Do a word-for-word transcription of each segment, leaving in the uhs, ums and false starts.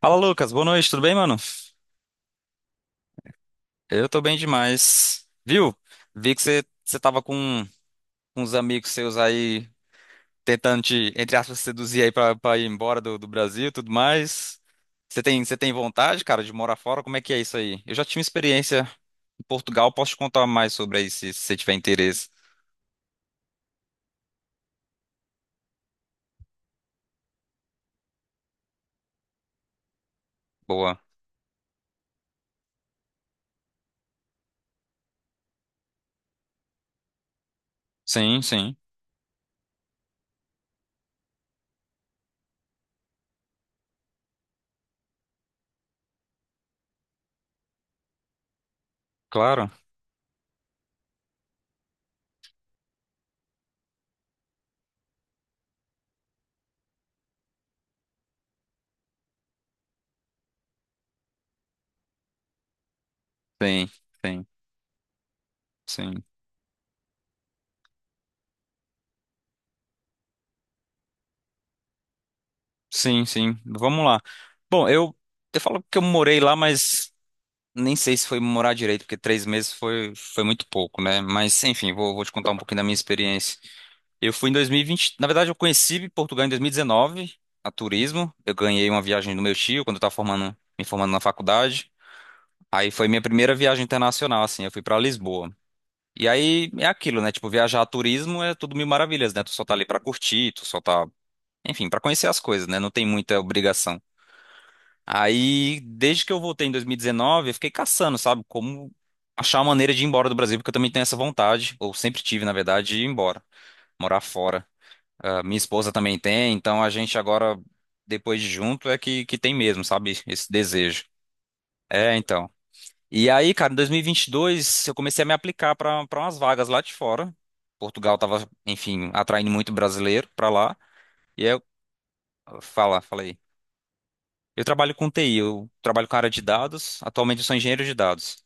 Fala, Lucas. Boa noite, tudo bem, mano? Eu tô bem demais. Viu? Vi que você você tava com uns amigos seus aí tentando te, entre aspas, seduzir aí pra, pra ir embora do, do Brasil e tudo mais. Você tem, você tem vontade, cara, de morar fora? Como é que é isso aí? Eu já tive experiência em Portugal, posso te contar mais sobre aí se se você tiver interesse. Boa. Sim, sim. Claro. Sim, sim, sim. Sim, sim. Vamos lá. Bom, eu, eu falo que eu morei lá, mas. Nem sei se foi morar direito, porque três meses foi, foi muito pouco, né? Mas, enfim, vou, vou te contar um pouquinho da minha experiência. Eu fui em dois mil e vinte. Na verdade, eu conheci Portugal em dois mil e dezenove, a turismo. Eu ganhei uma viagem do meu tio quando eu estava formando, me formando na faculdade. Aí foi minha primeira viagem internacional, assim. Eu fui para Lisboa. E aí é aquilo, né? Tipo, viajar a turismo é tudo mil maravilhas, né? Tu só tá ali pra curtir, tu só tá, enfim, pra conhecer as coisas, né? Não tem muita obrigação. Aí, desde que eu voltei em dois mil e dezenove, eu fiquei caçando, sabe? Como achar uma maneira de ir embora do Brasil, porque eu também tenho essa vontade, ou sempre tive, na verdade, de ir embora, morar fora. Ah, minha esposa também tem, então a gente agora, depois de junto, é que, que tem mesmo, sabe? Esse desejo. É, então. E aí, cara, em dois mil e vinte e dois, eu comecei a me aplicar para para umas vagas lá de fora. Portugal tava, enfim, atraindo muito brasileiro para lá. E aí eu, fala, falei. Eu trabalho com T I, eu trabalho com área de dados. Atualmente eu sou engenheiro de dados.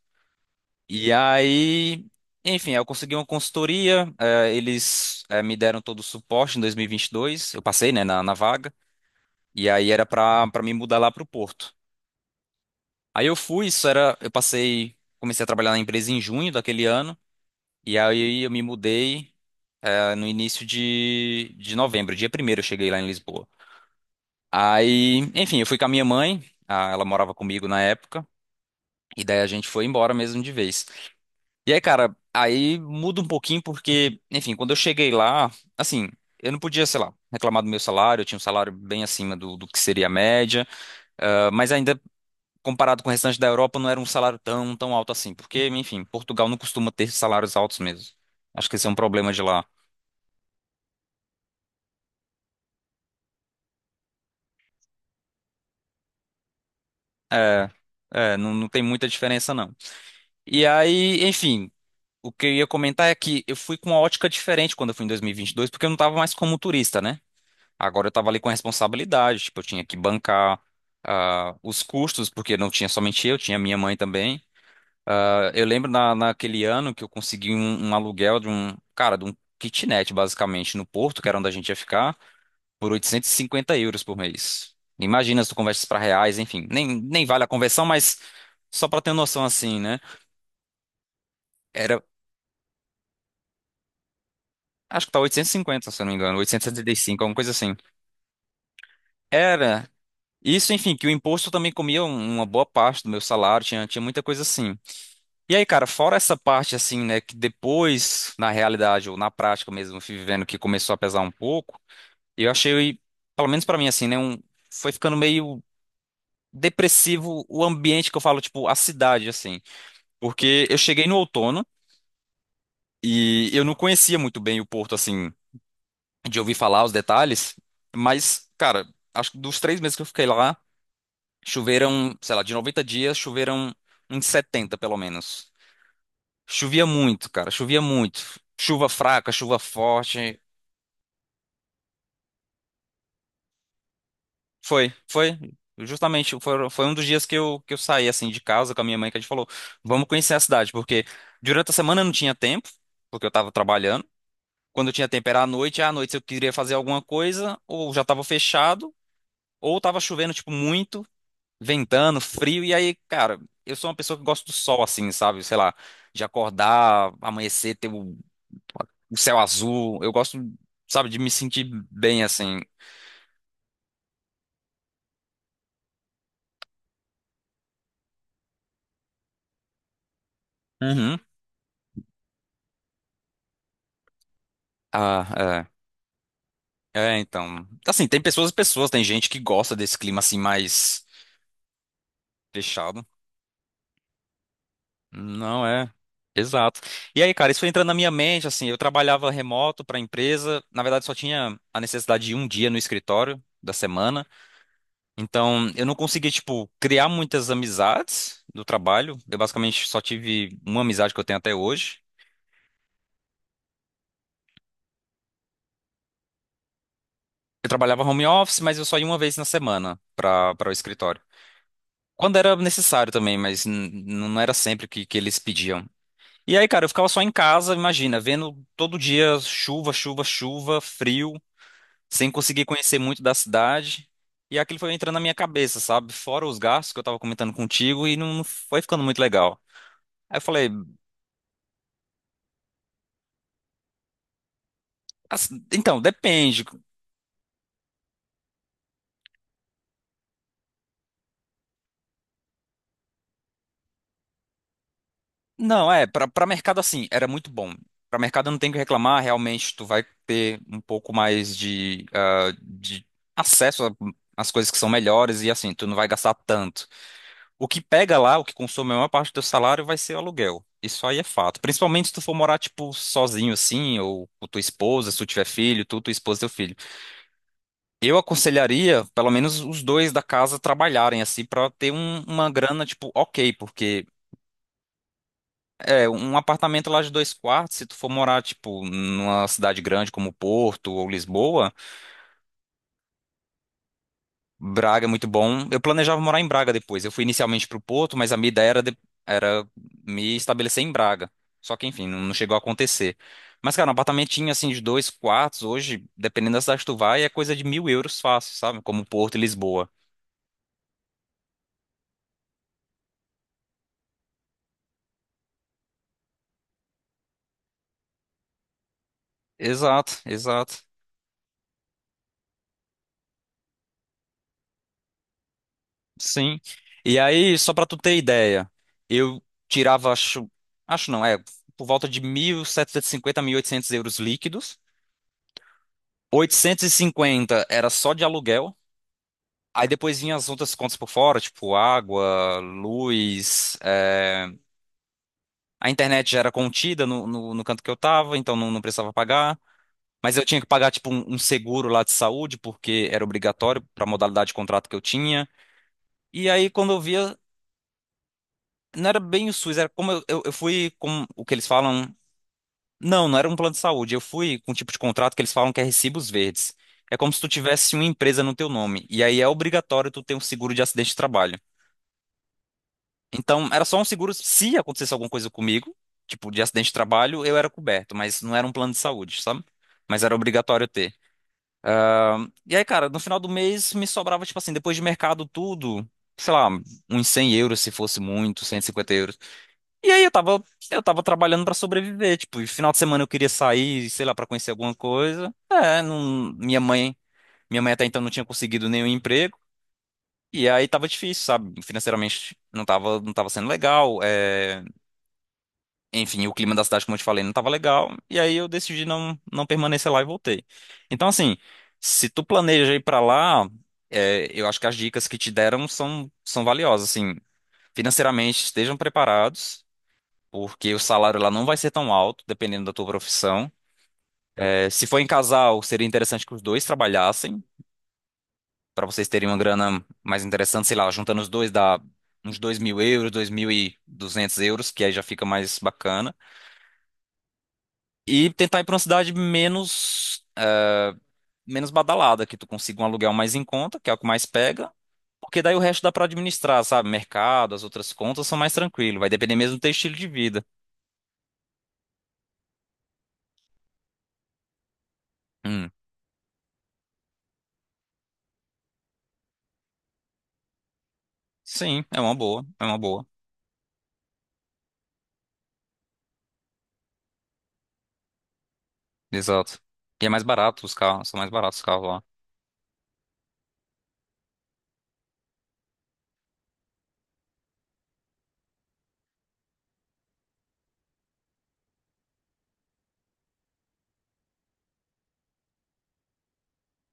E aí, enfim, eu consegui uma consultoria, eh, eles eh, me deram todo o suporte em dois mil e vinte e dois, eu passei, né, na, na vaga, e aí era pra, pra me mudar lá pro Porto. Aí eu fui, isso era, eu passei, comecei a trabalhar na empresa em junho daquele ano, e aí eu me mudei eh, no início de, de novembro, dia primeiro eu cheguei lá em Lisboa. Aí, enfim, eu fui com a minha mãe, ah, ela morava comigo na época, e daí a gente foi embora mesmo de vez. E aí, cara, aí muda um pouquinho porque, enfim, quando eu cheguei lá, assim, eu não podia, sei lá, reclamar do meu salário, eu tinha um salário bem acima do, do que seria a média, ah, mas ainda comparado com o restante da Europa não era um salário tão, tão alto assim, porque, enfim, Portugal não costuma ter salários altos mesmo. Acho que esse é um problema de lá. É, é, não, não tem muita diferença não. E aí, enfim, o que eu ia comentar é que eu fui com uma ótica diferente quando eu fui em dois mil e vinte e dois, porque eu não tava mais como turista, né? Agora eu tava ali com responsabilidade, tipo, eu tinha que bancar ah, os custos, porque não tinha somente eu, tinha minha mãe também. Ah, eu lembro na, naquele ano que eu consegui um, um aluguel de um, cara, de um kitnet, basicamente, no Porto, que era onde a gente ia ficar, por oitocentos e cinquenta euros por mês. Imagina se tu converte para reais, enfim, nem, nem vale a conversão, mas só pra ter noção assim, né? Era, acho que tá oitocentos e cinquenta, se eu não me engano, oitocentos e setenta e cinco, alguma coisa assim. Era isso, enfim, que o imposto também comia um- uma boa parte do meu salário, tinha, tinha muita coisa assim. E aí, cara, fora essa parte assim, né, que depois, na realidade, ou na prática mesmo, eu fui vivendo que começou a pesar um pouco, eu achei, pelo menos pra mim, assim, né, um, foi ficando meio depressivo o ambiente que eu falo, tipo, a cidade, assim. Porque eu cheguei no outono e eu não conhecia muito bem o Porto, assim, de ouvir falar os detalhes, mas, cara, acho que dos três meses que eu fiquei lá. Choveram, sei lá, de noventa dias, choveram uns setenta, pelo menos. Chovia muito, cara, chovia muito. Chuva fraca, chuva forte. Foi, foi. Justamente, foi, foi um dos dias que eu, que eu saí, assim, de casa com a minha mãe, que a gente falou, vamos conhecer a cidade, porque durante a semana eu não tinha tempo, porque eu tava trabalhando. Quando eu tinha tempo era à noite, e à noite se eu queria fazer alguma coisa, ou já tava fechado, ou tava chovendo, tipo, muito, ventando, frio, e aí, cara, eu sou uma pessoa que gosta do sol, assim, sabe? Sei lá, de acordar, amanhecer, ter o, o céu azul. Eu gosto, sabe, de me sentir bem, assim. Uhum. Ah, é. É, então. Assim, tem pessoas e pessoas, tem gente que gosta desse clima, assim, mais fechado. Não é. Exato. E aí, cara, isso foi entrando na minha mente, assim, eu trabalhava remoto para a empresa, na verdade só tinha a necessidade de um dia no escritório da semana. Então, eu não consegui, tipo, criar muitas amizades do trabalho. Eu basicamente só tive uma amizade que eu tenho até hoje. Eu trabalhava home office, mas eu só ia uma vez na semana para para o escritório. Quando era necessário também, mas n- não era sempre que, que eles pediam. E aí, cara, eu ficava só em casa, imagina, vendo todo dia chuva, chuva, chuva, frio, sem conseguir conhecer muito da cidade. E aquilo foi entrando na minha cabeça, sabe? Fora os gastos que eu tava comentando contigo e não não foi ficando muito legal. Aí eu falei, assim, então, depende. Não, é, para para mercado assim, era muito bom. Para mercado não tem o que reclamar, realmente tu vai ter um pouco mais de, ah, de acesso a- às coisas que são melhores e assim, tu não vai gastar tanto. O que pega lá, o que consome a maior parte do teu salário vai ser o aluguel. Isso aí é fato. Principalmente se tu for morar, tipo, sozinho assim, ou com tua esposa, se tu tiver filho, tu, tua esposa e teu filho. Eu aconselharia, pelo menos, os dois da casa trabalharem assim, pra ter um- uma grana, tipo, ok, porque. É, um apartamento lá de dois quartos, se tu for morar, tipo, numa cidade grande como Porto ou Lisboa, Braga é muito bom. Eu planejava morar em Braga depois. Eu fui inicialmente pro Porto, mas a minha ideia era, de- era me estabelecer em Braga. Só que, enfim, não, não chegou a acontecer. Mas, cara, um apartamentinho, assim, de dois quartos, hoje, dependendo da cidade que tu vai, é coisa de mil euros fácil, sabe? Como Porto e Lisboa. Exato, exato. Sim. E aí, só pra tu ter ideia, eu tirava, acho, acho não, é, por volta de mil setecentos e cinquenta, oitocentos euros líquidos. Oitocentos e cinquenta era só de aluguel. Aí depois vinha as outras contas por fora, tipo água, luz. é, A internet já era contida no, no, no canto que eu tava, então não, não precisava pagar. Mas eu tinha que pagar, tipo, um, um seguro lá de saúde, porque era obrigatório para a modalidade de contrato que eu tinha. E aí, quando eu via, não era bem o SUS, era como eu, eu, eu fui com o que eles falam. Não, não era um plano de saúde. Eu fui com um tipo de contrato que eles falam que é recibos verdes. É como se tu tivesse uma empresa no teu nome. E aí é obrigatório tu ter um seguro de acidente de trabalho. Então, era só um seguro se acontecesse alguma coisa comigo, tipo de acidente de trabalho, eu era coberto, mas não era um plano de saúde, sabe? Mas era obrigatório ter. Ahn, E aí, cara, no final do mês me sobrava, tipo assim, depois de mercado tudo, sei lá, uns cem euros se fosse muito, cento e cinquenta euros. E aí eu tava, eu tava trabalhando pra sobreviver, tipo, e final de semana eu queria sair, sei lá, pra conhecer alguma coisa. É, não, minha mãe, minha mãe até então não tinha conseguido nenhum emprego. E aí tava difícil, sabe? Financeiramente não tava, não tava sendo legal. é, enfim, o clima da cidade, como eu te falei, não tava legal. E aí eu decidi não, não permanecer lá e voltei. Então, assim, se tu planeja ir pra lá, é, eu acho que as dicas que te deram são, são valiosas, assim. Financeiramente, estejam preparados porque o salário lá não vai ser tão alto, dependendo da tua profissão. É, se for em casal, seria interessante que os dois trabalhassem, para vocês terem uma grana mais interessante, sei lá, juntando os dois dá uns dois mil euros, dois mil e duzentos euros, que aí já fica mais bacana. E tentar ir para uma cidade menos, é, menos badalada, que tu consiga um aluguel mais em conta, que é o que mais pega. Porque daí o resto dá para administrar, sabe? Mercado, as outras contas são mais tranquilo. Vai depender mesmo do teu estilo de vida. Hum. Sim, é uma boa, é uma boa. Exato. E é mais barato os carros, são mais baratos os carros lá.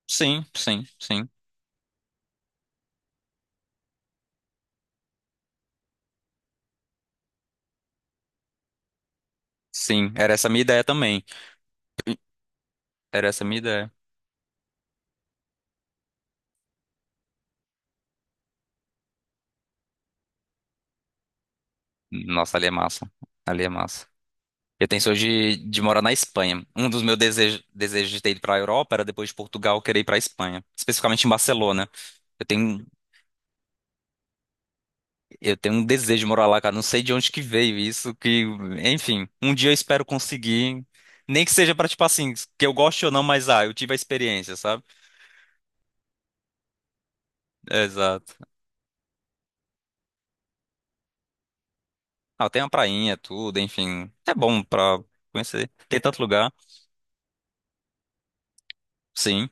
Sim, sim, sim. Sim, era essa a minha ideia também. Era essa a minha ideia. Nossa, ali é massa. Ali é massa. Eu tenho sonho de, de morar na Espanha. Um dos meus desejos, desejos de ter ido para a Europa era depois de Portugal eu querer ir para a Espanha, especificamente em Barcelona. Eu tenho, eu tenho um desejo de morar lá, cara. Não sei de onde que veio isso, que, enfim, um dia eu espero conseguir. Nem que seja para, tipo assim, que eu goste ou não, mas ah, eu tive a experiência, sabe? Exato. Ah, tem uma prainha, tudo, enfim. É bom pra conhecer. Tem tanto lugar. Sim,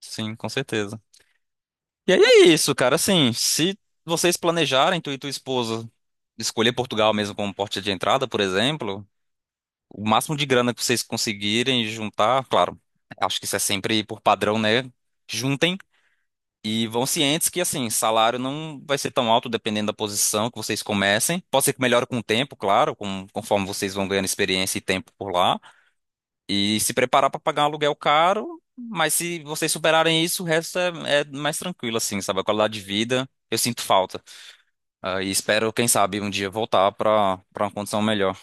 sim, com certeza. E aí é isso, cara. Assim, se vocês planejarem, tu e tua esposa, escolher Portugal mesmo como porta de entrada, por exemplo, o máximo de grana que vocês conseguirem juntar, claro, acho que isso é sempre por padrão, né? Juntem e vão cientes que, assim, salário não vai ser tão alto dependendo da posição que vocês comecem. Pode ser que melhore com o tempo, claro, com- conforme vocês vão ganhando experiência e tempo por lá. E se preparar para pagar um aluguel caro, mas se vocês superarem isso, o resto é, é mais tranquilo, assim, sabe? A qualidade de vida, eu sinto falta. Ah, e espero, quem sabe, um dia voltar para para uma condição melhor.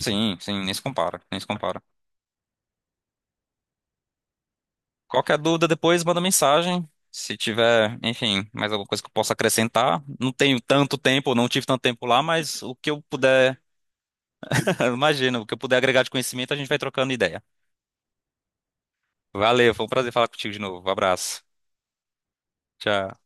Sim, sim, nem se compara, nem se compara. Qualquer dúvida depois, manda mensagem. Se tiver, enfim, mais alguma coisa que eu possa acrescentar. Não tenho tanto tempo, não tive tanto tempo lá, mas o que eu puder, imagina, o que eu puder agregar de conhecimento, a gente vai trocando ideia. Valeu, foi um prazer falar contigo de novo. Abraço. Tchau.